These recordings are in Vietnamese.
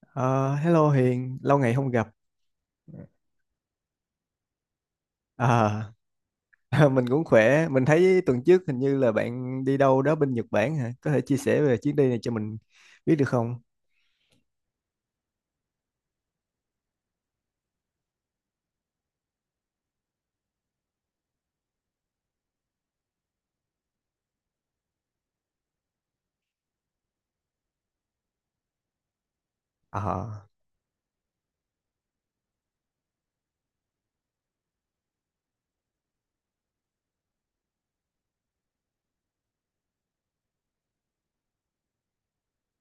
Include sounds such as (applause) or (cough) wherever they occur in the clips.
Ờ, Hello Hiền, lâu ngày không gặp. Ờ, (laughs) mình cũng khỏe. Mình thấy tuần trước hình như là bạn đi đâu đó bên Nhật Bản hả? Có thể chia sẻ về chuyến đi này cho mình biết được không? Ờ,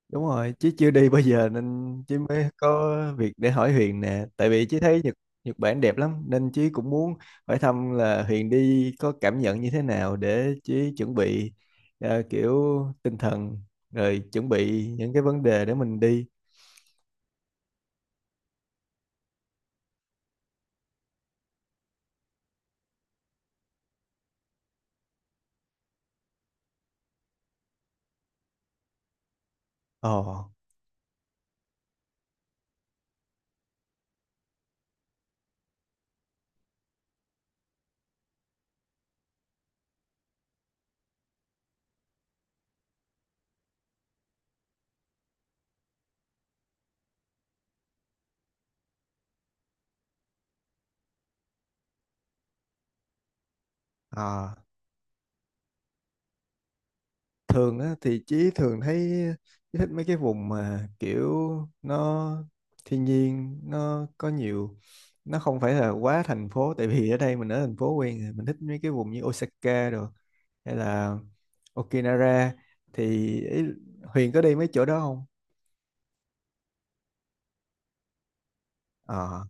Đúng rồi, chứ chưa đi bao giờ nên chứ mới có việc để hỏi Huyền nè. Tại vì chứ thấy Nhật Nhật Bản đẹp lắm nên chứ cũng muốn hỏi thăm là Huyền đi có cảm nhận như thế nào, để chứ chuẩn bị, kiểu tinh thần, rồi chuẩn bị những cái vấn đề để mình đi. Ồ, ờ. Thường á thì Chí thường thấy Chí thích mấy cái vùng mà kiểu nó thiên nhiên nó có nhiều, nó không phải là quá thành phố. Tại vì ở đây mình ở thành phố quen rồi, mình thích mấy cái vùng như Osaka rồi hay là Okinawa. Thì ý, Huyền có đi mấy chỗ đó không? Ờ,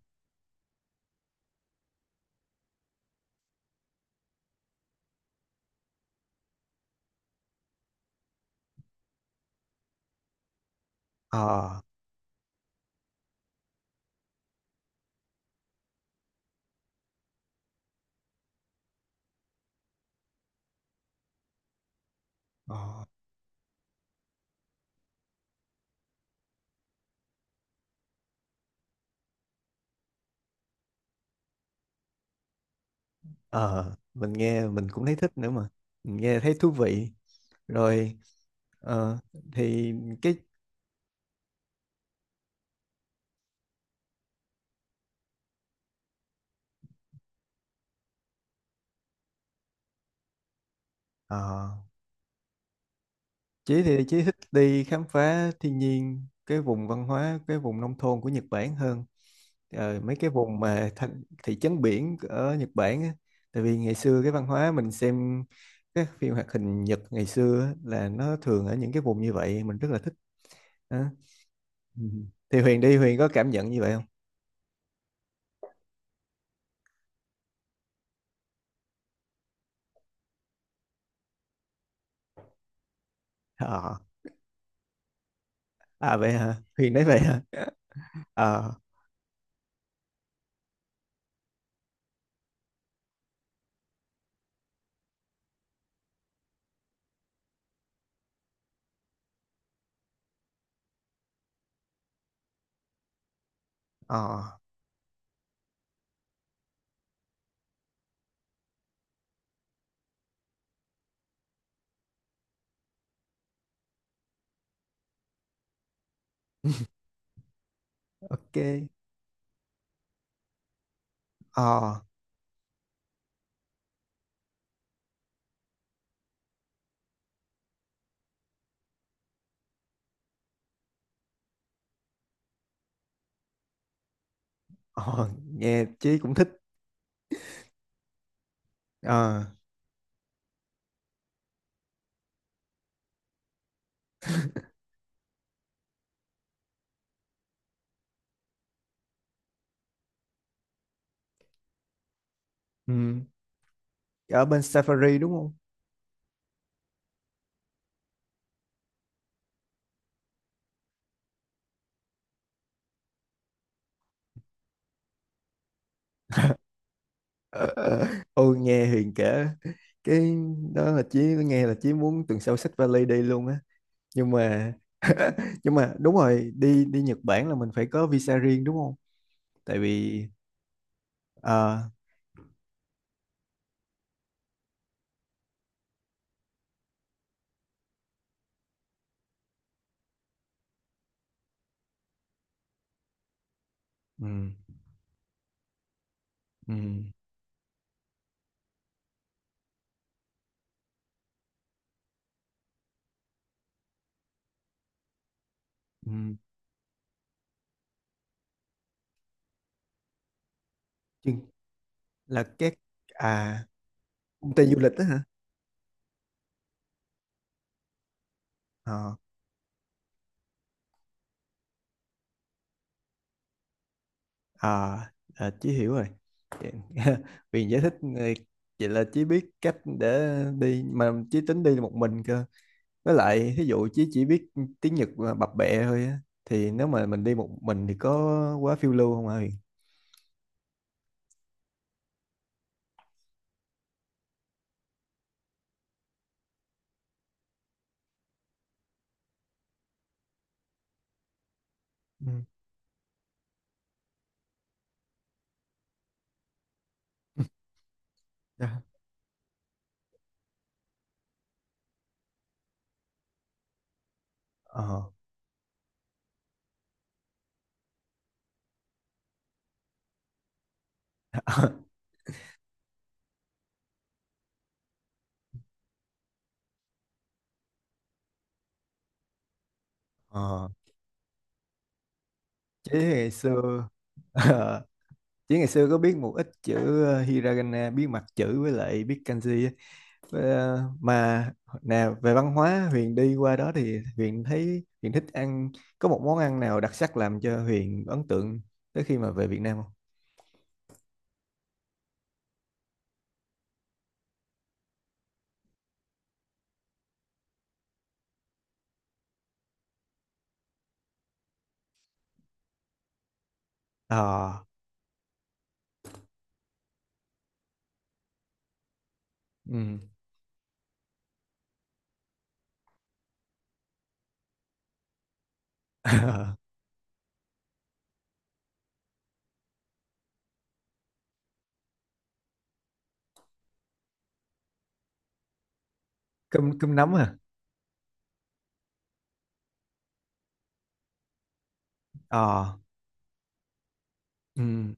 ờ, ờ, ờ. Mình nghe mình cũng thấy thích nữa mà, mình nghe thấy thú vị rồi. ờ, thì cái ờ Chí thì Chí thích đi khám phá thiên nhiên, cái vùng văn hóa, cái vùng nông thôn của Nhật Bản hơn. Mấy cái vùng mà thành thị trấn biển ở Nhật Bản á. Tại vì ngày xưa cái văn hóa mình xem các phim hoạt hình Nhật ngày xưa á, là nó thường ở những cái vùng như vậy, mình rất là thích. Đó. Ừ. Thì Huyền đi Huyền có cảm nhận như vậy không? Ờ, À vậy hả? Huyền nói vậy hả? Ờ, ờ, ok, ờ, ờ, nghe Chí cũng thích. Ờ, ừ. Ở bên Safari đúng không? (laughs) Ờ, ờ. Ôi nghe Huyền kể cái đó là Chí nghe là Chí muốn tuần sau xách vali đi luôn á, nhưng mà (laughs) nhưng mà đúng rồi, đi đi Nhật Bản là mình phải có visa riêng đúng không? Tại vì ờ, ừ, ừ, ừ, chừng- là các à công ty du lịch đó hả? ờ À, à, Chí hiểu rồi. Vậy- (laughs) Huyền giải thích, vậy là Chí biết cách để đi. Mà Chí tính đi một mình cơ, với lại thí dụ chỉ biết tiếng Nhật mà bập bẹ thôi á, thì nếu mà mình đi một mình thì có quá phiêu lưu không hả Huyền? Ừ. Dạ. ờ (laughs) ờ chứ ngày xưa (laughs) chứ ngày xưa có biết một ít chữ, hiragana biết mặt chữ với lại biết kanji á. Với, mà nè, về văn hóa Huyền đi qua đó thì Huyền thấy Huyền thích ăn, có một món ăn nào đặc sắc làm cho Huyền ấn tượng tới khi mà về Việt Nam không? Ờ. Ừ. (laughs) cơm cơm nấm à? Ờ. Ừ.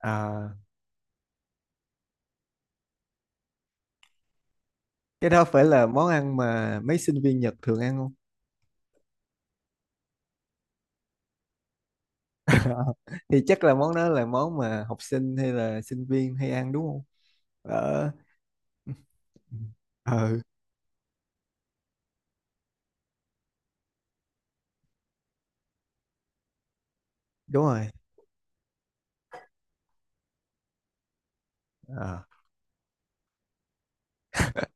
À, cái đó phải là món ăn mà mấy sinh viên Nhật thường ăn không? (laughs) Thì chắc là món đó là món mà học sinh hay là sinh viên hay ăn đúng không? ờ (laughs) ừ. Đúng rồi. ờ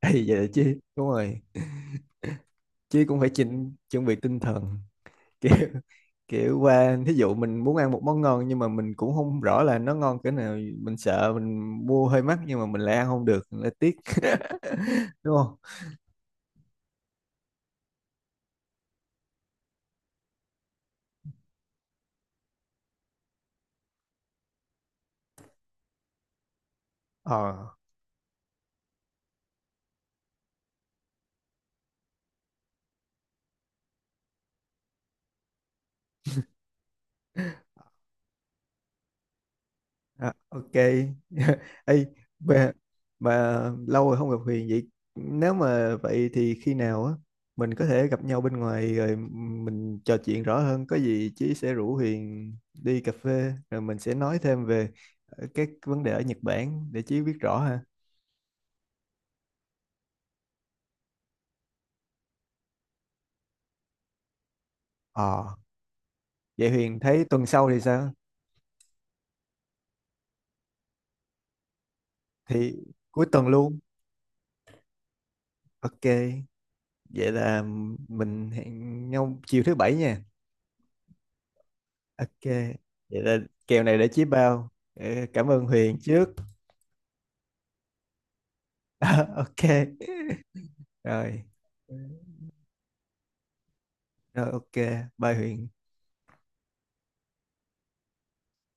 thì vậy chứ, đúng rồi, chứ cũng phải chỉnh chuẩn bị tinh thần. (laughs) kiểu kiểu qua thí dụ mình muốn ăn một món ngon nhưng mà mình cũng không rõ là nó ngon cỡ nào, mình sợ mình mua hơi mắc nhưng mà mình lại ăn không được lại tiếc, (laughs) đúng không? ờ À, ok. (laughs) Ê, bà, bà, lâu rồi không gặp Huyền vậy. Nếu mà vậy thì khi nào á mình có thể gặp nhau bên ngoài rồi mình trò chuyện rõ hơn. Có gì Chí sẽ rủ Huyền đi cà phê rồi mình sẽ nói thêm về, các vấn đề ở Nhật Bản để Chí biết rõ ha. Ờ, Vậy Huyền thấy tuần sau thì sao? Thì cuối tuần luôn. Ok. Vậy là mình hẹn nhau chiều thứ bảy nha. Ok, vậy là kèo này để Chí bao. Ờ, Cảm ơn Huyền trước. (laughs) Ok. Rồi, rồi. Ok, bye Huyền.